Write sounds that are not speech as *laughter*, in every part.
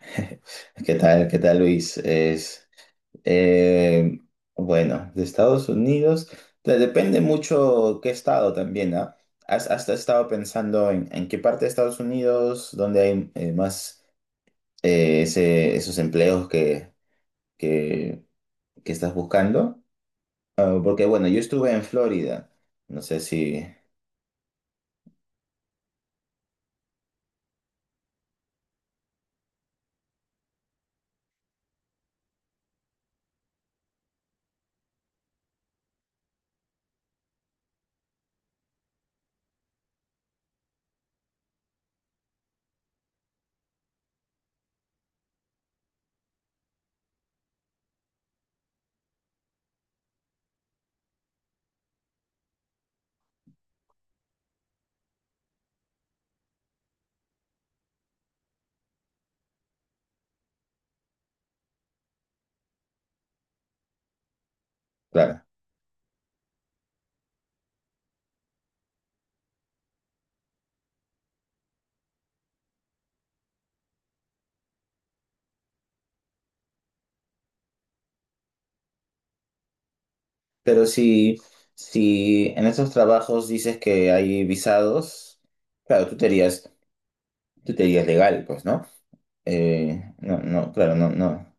*laughs* ¿Qué tal? ¿Qué tal, Luis? Eh, bueno, de Estados Unidos, depende mucho qué estado también, ¿ah? Has estado pensando en qué parte de Estados Unidos, donde hay más esos empleos que, que estás buscando? Ah, porque, bueno, yo estuve en Florida, no sé si, claro. Pero si en esos trabajos dices que hay visados, claro, tú te irías Tú te dirías legal, pues, ¿no? No, claro, no, no.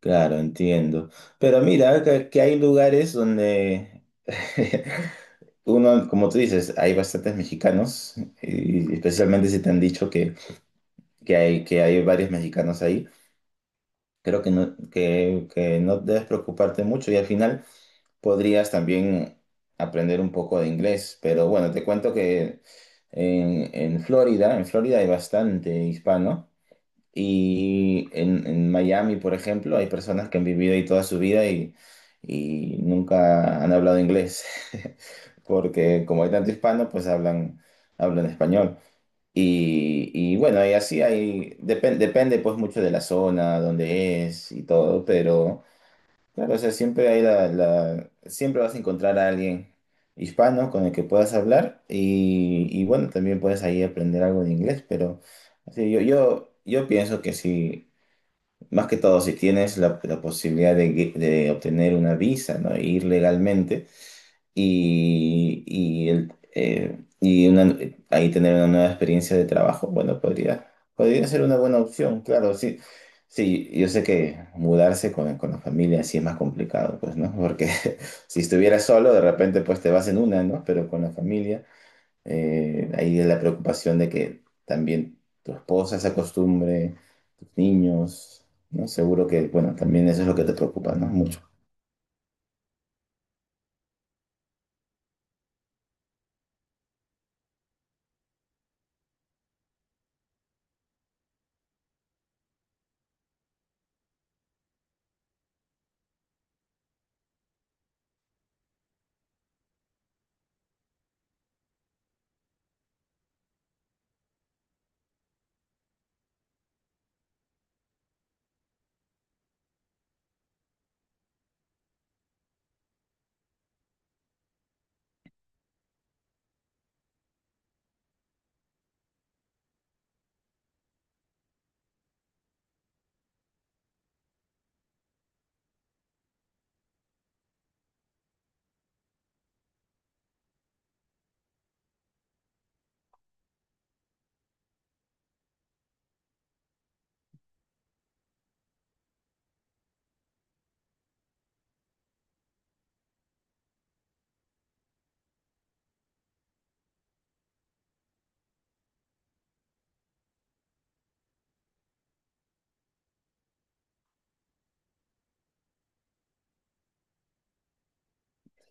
Claro, entiendo. Pero mira, que hay lugares donde *laughs* uno, como tú dices, hay bastantes mexicanos, y especialmente si te han dicho que hay varios mexicanos ahí. Creo que no, que no debes preocuparte mucho y al final podrías también aprender un poco de inglés. Pero bueno, te cuento que en Florida hay bastante hispano. Y en Miami, por ejemplo, hay personas que han vivido ahí toda su vida y nunca han hablado inglés, *laughs* porque como hay tanto hispano, pues hablan, hablan español. Y bueno, y así hay, depende pues mucho de la zona, donde es y todo, pero... Claro, o sea, siempre hay siempre vas a encontrar a alguien hispano con el que puedas hablar y bueno, también puedes ahí aprender algo de inglés. Pero sí, yo pienso que si, más que todo, si tienes la posibilidad de obtener una visa, ¿no? E ir legalmente, y, y, el- eh, y una- ahí tener una nueva experiencia de trabajo. Bueno, podría, podría ser una buena opción, claro, sí. Sí, yo sé que mudarse con la familia sí es más complicado, pues, ¿no? Porque *laughs* si estuvieras solo, de repente, pues te vas en una, ¿no? Pero con la familia, ahí es la preocupación de que también tu esposa se acostumbre, tus niños, ¿no? Seguro que, bueno, también eso es lo que te preocupa, ¿no? Mucho.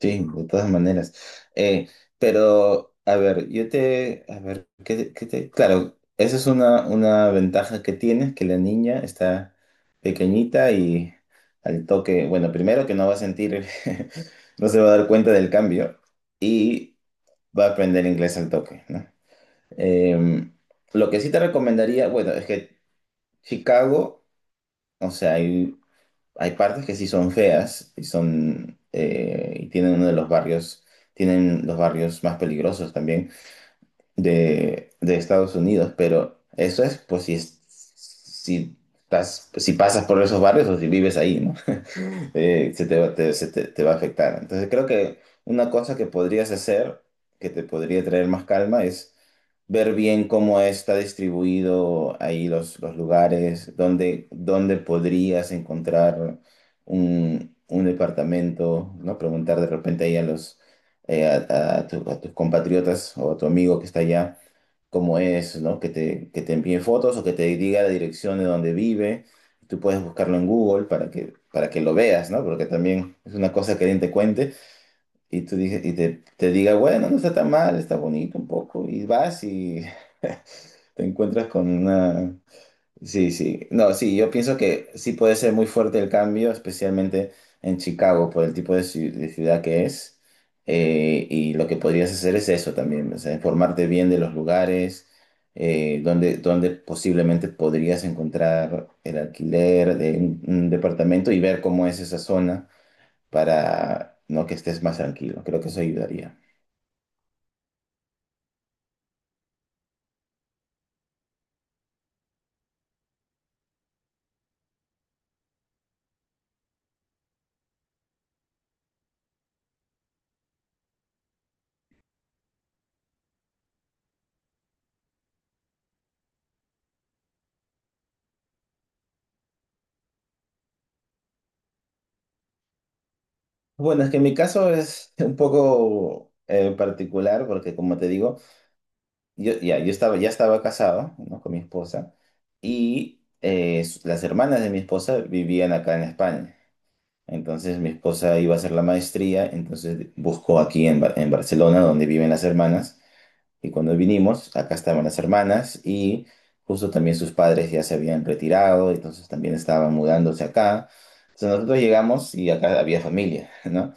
Sí, de todas maneras. Eh, pero, a ver, yo te, a ver, qué te- claro, esa es una ventaja que tienes, que la niña está pequeñita y al toque. Bueno, primero que no va a sentir, *laughs* no se va a dar cuenta del cambio y va a aprender inglés al toque, ¿no? Em, lo que sí te recomendaría, bueno, es que Chicago, o sea, hay hay partes que sí son feas y son y tienen uno de los barrios, tienen los barrios más peligrosos también de Estados Unidos. Pero eso es pues si, si, si pasas por esos barrios o si vives ahí, ¿no? *laughs* Se te va, te, se te- te va a afectar. Entonces creo que una cosa que podrías hacer, que te podría traer más calma, es ver bien cómo está distribuido ahí los lugares, dónde, dónde podrías encontrar un departamento, ¿no? Preguntar de repente ahí a los a a tus compatriotas o a tu amigo que está allá, cómo es, ¿no? Que te envíe fotos o que te diga la dirección de donde vive. Tú puedes buscarlo en Google para para que lo veas, ¿no? Porque también es una cosa que alguien te cuente y tú dije, y te diga, bueno, no está tan mal, está bonito un poco. Y vas y *laughs* te encuentras con una. Sí, sí. No, sí, yo pienso que sí puede ser muy fuerte el cambio, especialmente en Chicago, por el tipo de, de ciudad que es. Y lo que podrías hacer es eso también, o sea, informarte bien de los lugares, donde, donde posiblemente podrías encontrar el alquiler de un departamento y ver cómo es esa zona para no que estés más tranquilo. Creo que eso ayudaría. Bueno, es que mi caso es *laughs* un poco particular porque, como te digo, yo estaba, ya estaba casado, ¿no? Con mi esposa y las hermanas de mi esposa vivían acá en España. Entonces mi esposa iba a hacer la maestría, entonces buscó aquí en, en Barcelona, donde viven las hermanas. Y cuando vinimos, acá estaban las hermanas y justo también sus padres ya se habían retirado, entonces también estaban mudándose acá. Entonces nosotros llegamos y acá había familia, ¿no?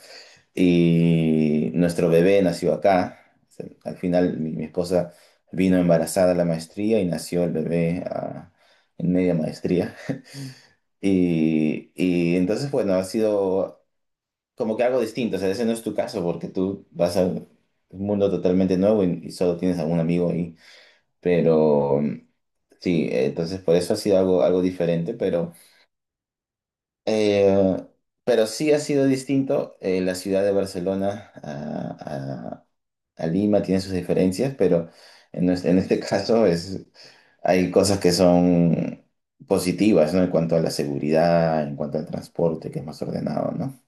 Y nuestro bebé nació acá. O sea, al final mi esposa vino embarazada a la maestría y nació el bebé ah, en media maestría. Y entonces, bueno, ha sido como que algo distinto. O sea, ese no es tu caso porque tú vas a un mundo totalmente nuevo y solo tienes a un amigo ahí. Pero sí, entonces por eso ha sido algo, algo diferente, Eh, pero sí ha sido distinto. Eh, la ciudad de Barcelona a, a Lima tiene sus diferencias, pero en, en este *laughs* caso es, hay cosas que son positivas, ¿no? En cuanto a la seguridad, en cuanto al transporte, que es más ordenado, ¿no?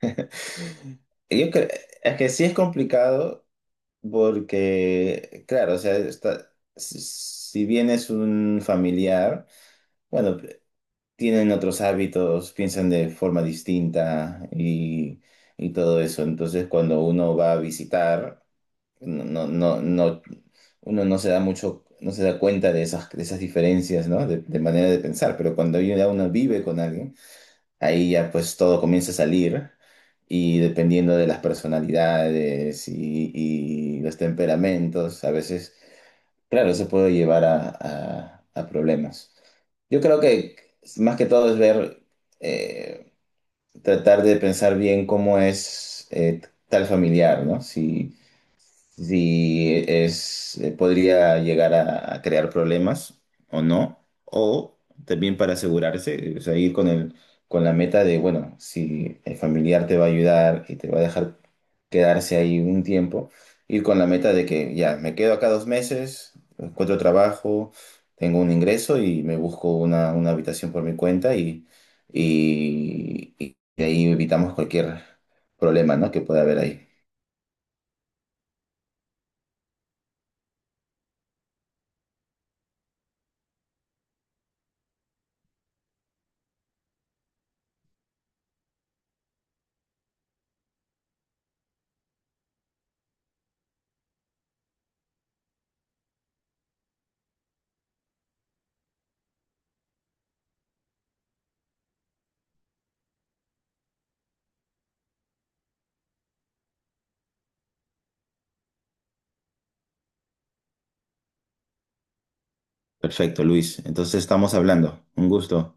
*laughs* Yo creo es que sí es complicado porque, claro, o sea, si si bien es un familiar, bueno, tienen otros hábitos, piensan de forma distinta y todo eso. Entonces, cuando uno va a visitar, no, no, no, no- uno no se da mucho, no se da cuenta de esas diferencias, ¿no? De manera de pensar. Pero cuando ya uno vive con alguien, ahí ya pues todo comienza a salir. Y dependiendo de las personalidades y los temperamentos, a veces claro, eso puede llevar a, a problemas. Yo creo que más que todo es ver, eh, tratar de pensar bien cómo es tal familiar, ¿no? Si, si es, podría llegar a crear problemas o no. O también para asegurarse, o sea, ir con la meta de, bueno, si el familiar te va a ayudar y te va a dejar quedarse ahí un tiempo, ir con la meta de que ya, me quedo acá 2 meses, encuentro trabajo, tengo un ingreso y me busco una habitación por mi cuenta y de ahí evitamos cualquier problema, ¿no? Que pueda haber ahí. Perfecto, Luis. Entonces estamos hablando. Un gusto.